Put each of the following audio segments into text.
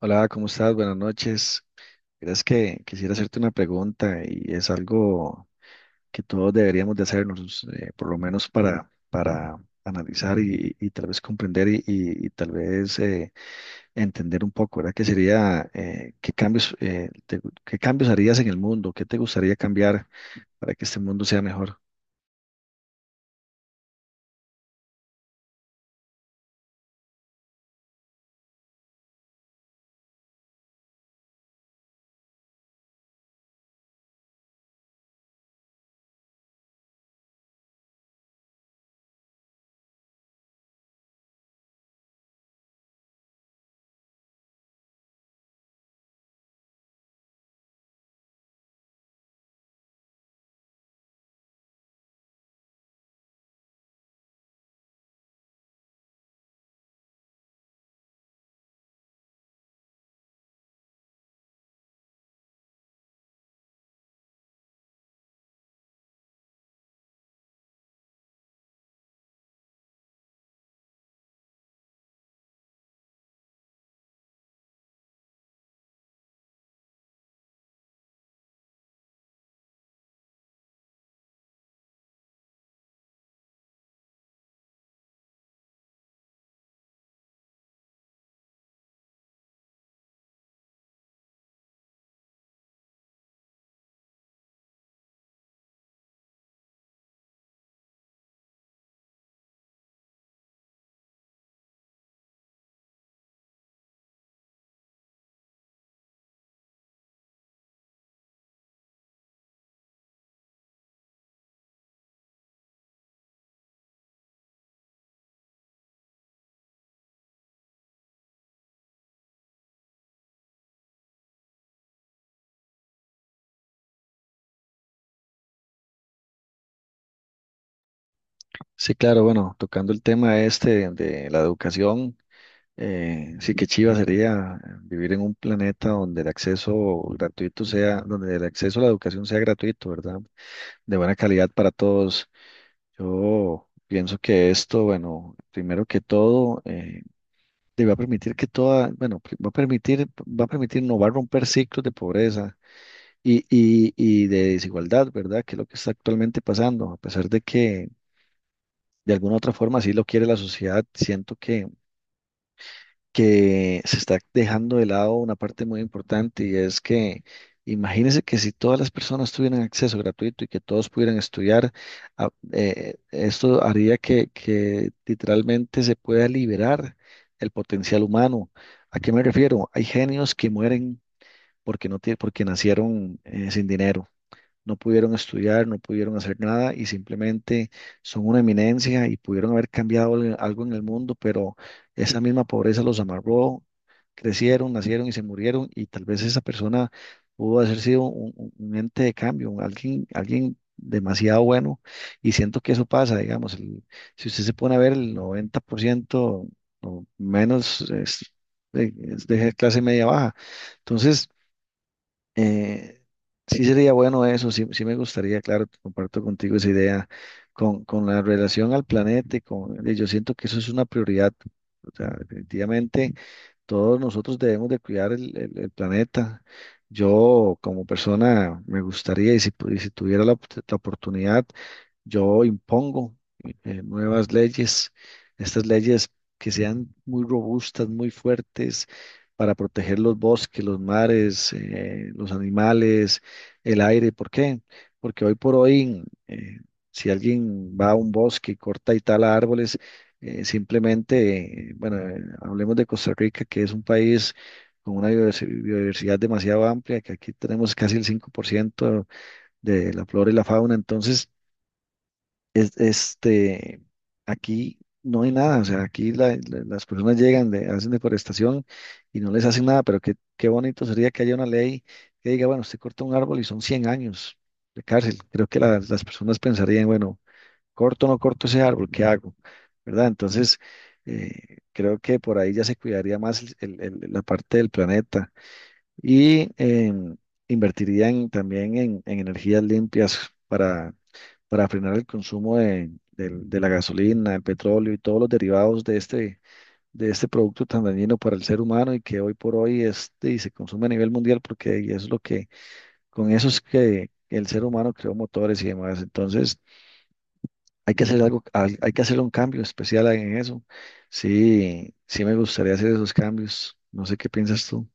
Hola, ¿cómo estás? Buenas noches. Verás que quisiera hacerte una pregunta y es algo que todos deberíamos de hacernos, por lo menos para analizar y tal vez comprender y tal vez entender un poco, ¿verdad? Que sería, ¿qué cambios, te qué cambios harías en el mundo? ¿Qué te gustaría cambiar para que este mundo sea mejor? Sí, claro, bueno, tocando el tema este de la educación. Sí, que chiva sería vivir en un planeta donde el acceso gratuito sea, donde el acceso a la educación sea gratuito, ¿verdad? De buena calidad para todos. Yo pienso que esto, bueno, primero que todo, te va a permitir que toda, bueno, va a permitir, no va a romper ciclos de pobreza y de desigualdad, ¿verdad? Que es lo que está actualmente pasando, a pesar de que de alguna otra forma sí lo quiere la sociedad, siento que se está dejando de lado una parte muy importante y es que imagínense que si todas las personas tuvieran acceso gratuito y que todos pudieran estudiar, esto haría que literalmente se pueda liberar el potencial humano. ¿A qué me refiero? Hay genios que mueren porque nacieron sin dinero, no pudieron estudiar, no pudieron hacer nada y simplemente son una eminencia y pudieron haber cambiado algo en el mundo, pero esa misma pobreza los amarró, crecieron, nacieron y se murieron y tal vez esa persona pudo haber sido un ente de cambio, alguien demasiado bueno y siento que eso pasa, digamos, si usted se pone a ver el 90% o menos es, de clase media baja. Entonces, eh, sí sería bueno eso, sí, sí me gustaría, claro, comparto contigo esa idea con la relación al planeta y con, y yo siento que eso es una prioridad. O sea, definitivamente todos nosotros debemos de cuidar el planeta. Yo como persona me gustaría, y si tuviera la, la oportunidad, yo impongo nuevas leyes, estas leyes que sean muy robustas, muy fuertes para proteger los bosques, los mares, los animales, el aire. ¿Por qué? Porque hoy por hoy, si alguien va a un bosque y corta y tala árboles, simplemente, bueno, hablemos de Costa Rica, que es un país con una biodiversidad demasiado amplia, que aquí tenemos casi el 5% de la flora y la fauna. Entonces, este, aquí no hay nada, o sea, aquí las personas llegan, de, hacen deforestación y no les hacen nada, pero qué, qué bonito sería que haya una ley que diga, bueno, usted corta un árbol y son 100 años de cárcel. Creo que las personas pensarían, bueno, corto o no corto ese árbol, ¿qué hago? ¿Verdad? Entonces, creo que por ahí ya se cuidaría más la parte del planeta y invertiría también en energías limpias, para, para frenar el consumo de la gasolina, el petróleo y todos los derivados de este producto tan dañino para el ser humano y que hoy por hoy y se consume a nivel mundial porque y es lo que, con eso es que el ser humano creó motores y demás. Entonces, hay que hacer algo, hay que hacer un cambio especial en eso. Sí, sí me gustaría hacer esos cambios. No sé qué piensas tú.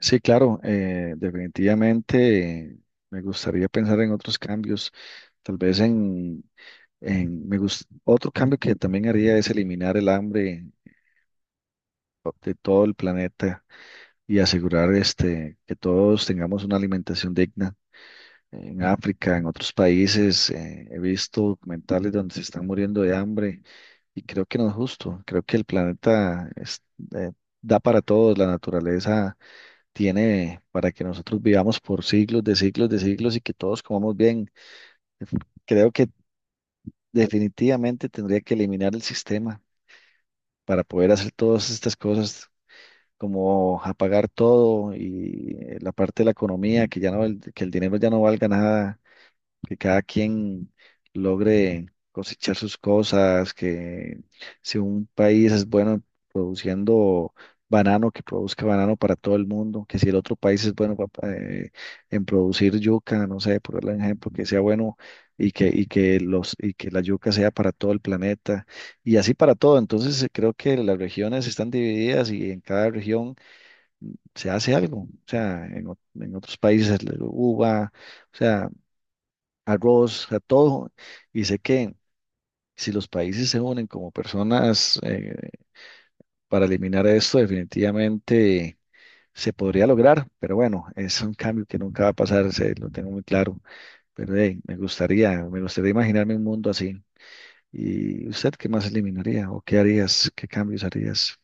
Sí, claro, definitivamente me gustaría pensar en otros cambios, tal vez en me gus- otro cambio que también haría es eliminar el hambre de todo el planeta y asegurar este, que todos tengamos una alimentación digna. En África, en otros países, he visto documentales donde se están muriendo de hambre y creo que no es justo, creo que el planeta eh, da para todos, la naturaleza tiene para que nosotros vivamos por siglos de siglos de siglos y que todos comamos bien. Creo que definitivamente tendría que eliminar el sistema para poder hacer todas estas cosas, como apagar todo y la parte de la economía, que ya no, que el dinero ya no valga nada, que cada quien logre cosechar sus cosas, que si un país es bueno produciendo banano, que produzca banano para todo el mundo, que si el otro país es bueno en producir yuca, no sé, por darle un ejemplo, que sea bueno y que la yuca sea para todo el planeta y así para todo. Entonces creo que las regiones están divididas y en cada región se hace algo. O sea, en otros países es la uva, o sea arroz, a todo. Y sé que si los países se unen como personas para eliminar esto, definitivamente se podría lograr. Pero bueno, es un cambio que nunca va a pasar, se, lo tengo muy claro. Pero hey, me gustaría imaginarme un mundo así. ¿Y usted qué más eliminaría o qué harías? ¿Qué cambios harías?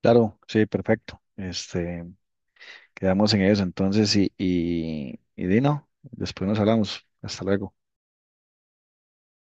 Claro, sí, perfecto. Este, quedamos en eso entonces y Dino, después nos hablamos. Hasta luego.